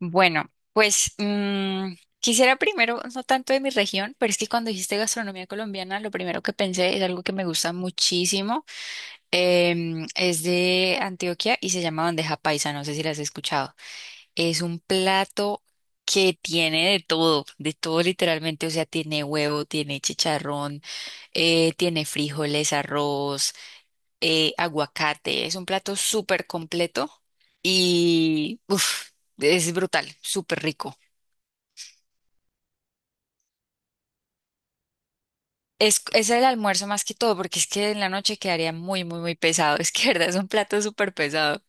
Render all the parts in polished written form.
Bueno, pues quisiera primero, no tanto de mi región, pero es que cuando dijiste gastronomía colombiana, lo primero que pensé es algo que me gusta muchísimo. Es de Antioquia y se llama bandeja paisa, no sé si la has escuchado. Es un plato que tiene de todo literalmente, o sea, tiene huevo, tiene chicharrón, tiene frijoles, arroz, aguacate. Es un plato súper completo y uf, es brutal, súper rico. Es el almuerzo más que todo, porque es que en la noche quedaría muy, muy, muy pesado. Es que, verdad, es un plato súper pesado.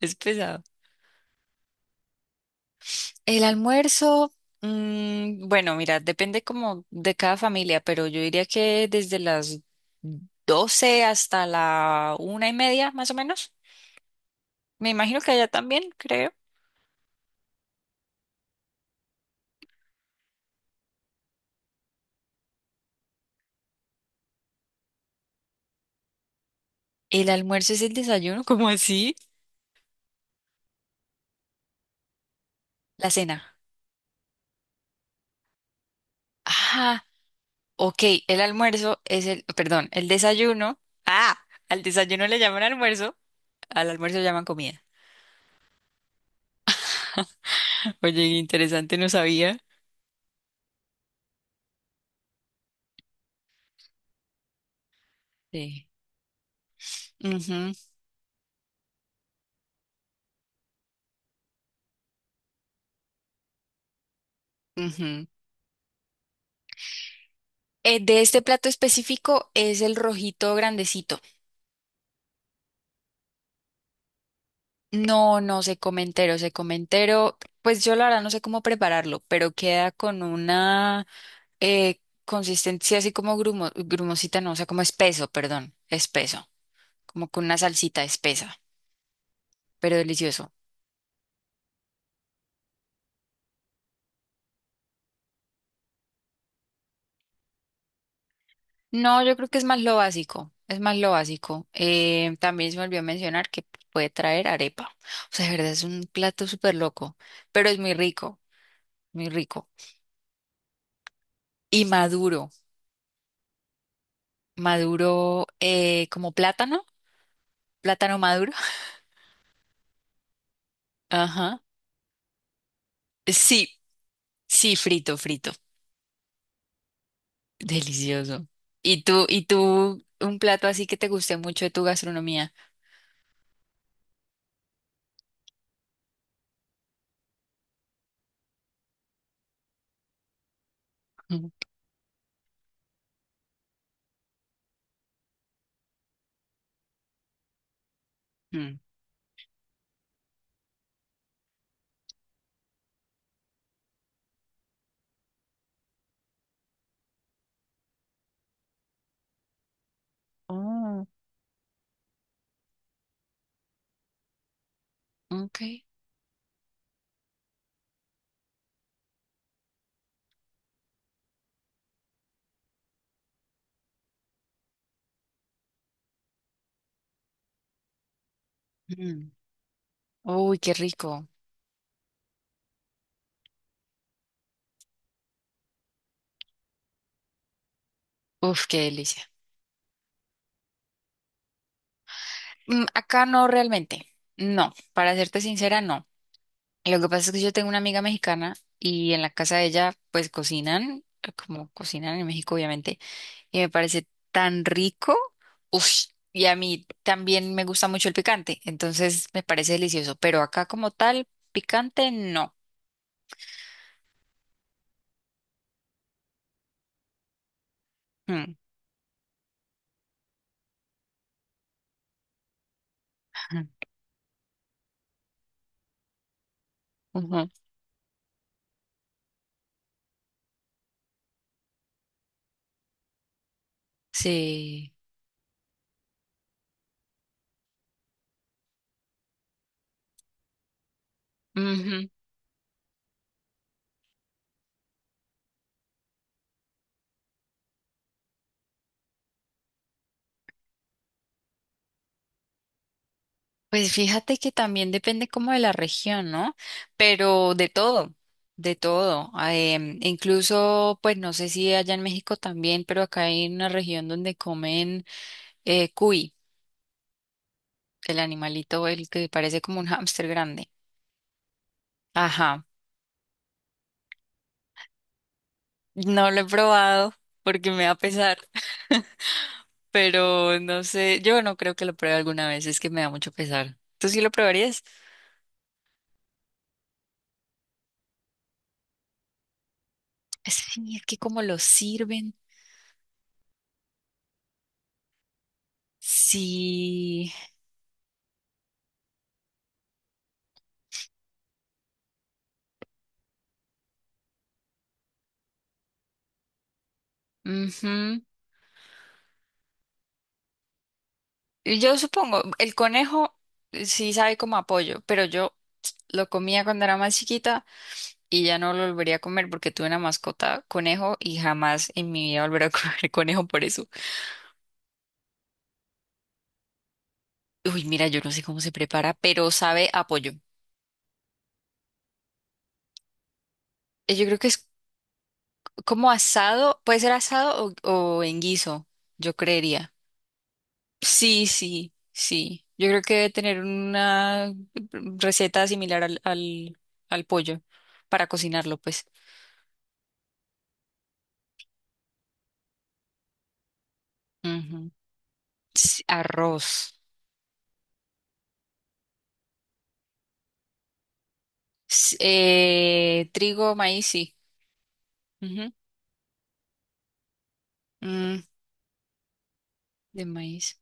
Es pesado. El almuerzo, bueno, mira, depende como de cada familia, pero yo diría que desde las 12 hasta la una y media, más o menos. Me imagino que allá también, creo. El almuerzo es el desayuno, ¿cómo así? La cena. Ah, ok, el almuerzo es el, perdón, el desayuno. Ah, al desayuno le llaman almuerzo, al almuerzo le llaman comida. Oye, interesante, no sabía. Sí. Ujú, ujú. De este plato específico es el rojito grandecito. No, no se come entero, se come entero. Pues yo la verdad no sé cómo prepararlo, pero queda con una consistencia así como grumo, grumosita, no, o sea, como espeso, perdón, espeso, como con una salsita espesa, pero delicioso. No, yo creo que es más lo básico, es más lo básico. También se me olvidó mencionar que puede traer arepa. O sea, de verdad es un plato súper loco, pero es muy rico, muy rico. Y maduro, maduro como plátano, plátano maduro. Ajá. Sí, sí, frito, frito. Delicioso. Y tú, un plato así que te guste mucho de tu gastronomía? Mm. Mm. Oh, ok. Mm. Uy, qué rico. Uf, qué delicia. Mm, acá no realmente, no, para serte sincera, no. Lo que pasa es que yo tengo una amiga mexicana y en la casa de ella pues cocinan, como cocinan en México obviamente, y me parece tan rico, Ush. Y a mí también me gusta mucho el picante, entonces me parece delicioso, pero acá como tal, picante no. Mm, ujú, sí. Pues fíjate que también depende como de la región, ¿no? Pero de todo, de todo. Ah, incluso, pues no sé si allá en México también, pero acá hay una región donde comen cuy, el animalito, el que parece como un hámster grande. Ajá, no lo he probado porque me da pesar, pero no sé, yo no creo que lo pruebe alguna vez, es que me da mucho pesar. ¿Tú sí lo probarías? Sí, es que como lo sirven, sí. Ujú. Y yo supongo, el conejo sí sabe como apoyo, pero yo lo comía cuando era más chiquita y ya no lo volvería a comer porque tuve una mascota conejo y jamás en mi vida volveré a comer conejo por eso. Uy, mira, yo no sé cómo se prepara, pero sabe apoyo. Yo creo que es como asado, puede ser asado o en guiso, yo creería. Sí, sí, sí. Yo creo que debe tener una receta similar al pollo para cocinarlo, pues. Ujú. Arroz. Trigo, maíz, sí. Ujú. Mm, de maíz.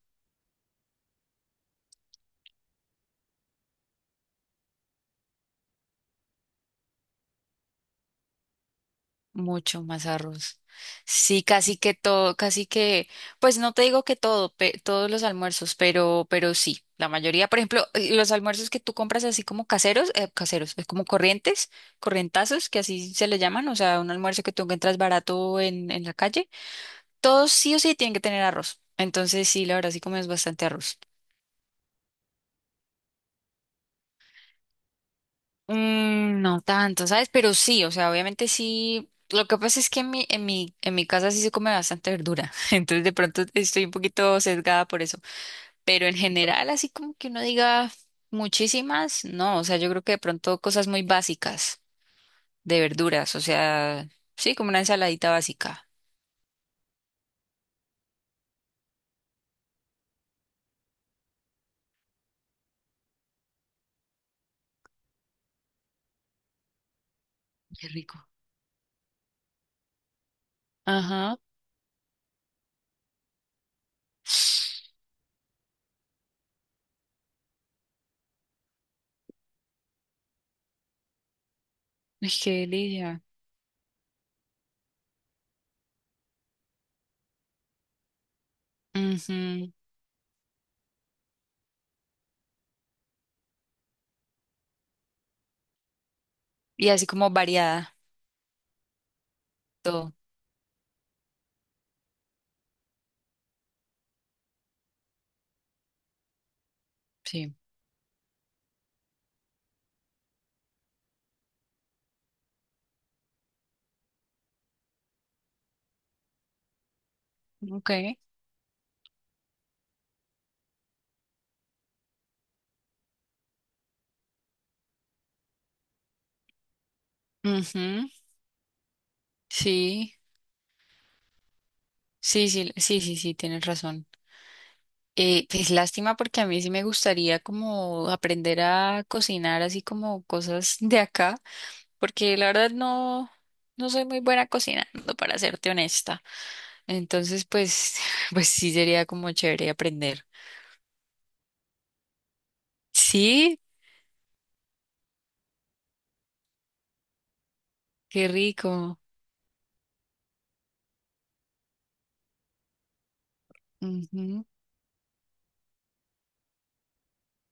Mucho más arroz. Sí, casi que todo, casi que, pues no te digo que todo, todos los almuerzos, pero sí, la mayoría, por ejemplo, los almuerzos que tú compras así como caseros, caseros, es como corrientes, corrientazos, que así se le llaman, o sea, un almuerzo que tú encuentras barato en la calle, todos sí o sí tienen que tener arroz. Entonces sí, la verdad sí comes bastante arroz. Mm, no tanto, ¿sabes? Pero sí, o sea, obviamente sí. Lo que pasa es que en mi casa sí se come bastante verdura, entonces de pronto estoy un poquito sesgada por eso. Pero en general, así como que uno diga muchísimas, no, o sea, yo creo que de pronto cosas muy básicas de verduras, o sea, sí, como una ensaladita básica. Qué rico. Ajá. Ay, qué delicia. Ujú. Y así como variada, todo. Sí. Ok. Ujú. Sí. Sí, sí, sí, sí, sí, tienes razón. Es lástima porque a mí sí me gustaría como aprender a cocinar así como cosas de acá, porque la verdad no, no soy muy buena cocinando, para serte honesta. Entonces, pues, pues sí sería como chévere aprender. Sí, qué rico. Ujú,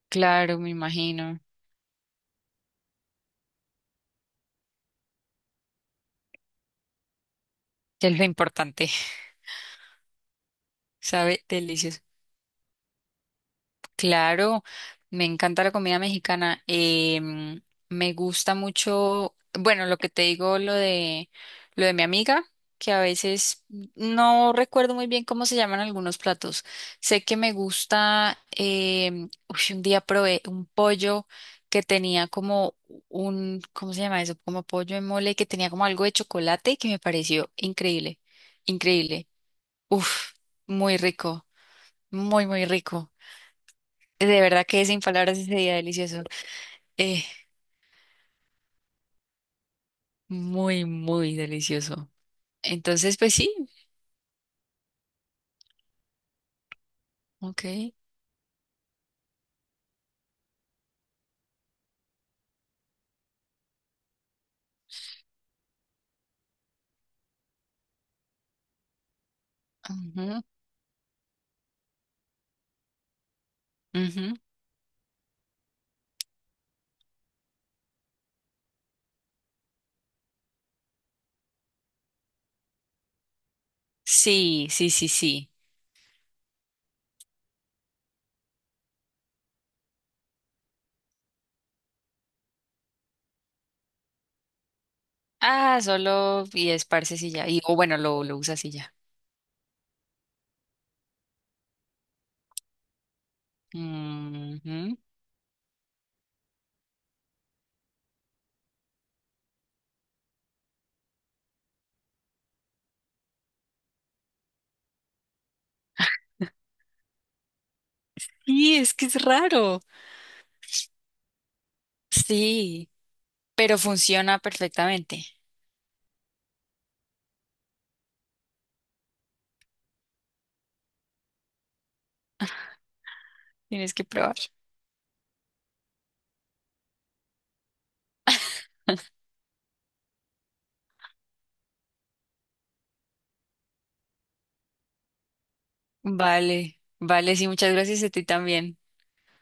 claro, me imagino. Que es lo importante, sabe, delicioso. Claro, me encanta la comida mexicana. Me gusta mucho, bueno, lo que te digo, lo de mi amiga, que a veces no recuerdo muy bien cómo se llaman algunos platos. Sé que me gusta, uy, un día probé un pollo que tenía como un, ¿cómo se llama eso? Como pollo en mole que tenía como algo de chocolate que me pareció increíble, increíble. Uf, muy rico, muy, muy rico. De verdad que sin palabras ese día delicioso. Eh, Muy, muy delicioso. Entonces, pues sí, ok. Ujú, ujú. Sí, sí, sí, sí. Ah, solo y esparces y ya. Y, o bueno, lo usas y ya. Ujú. Sí, es que es raro. Sí, pero funciona perfectamente. Tienes que probar. Vale, vale, sí, muchas gracias a ti también.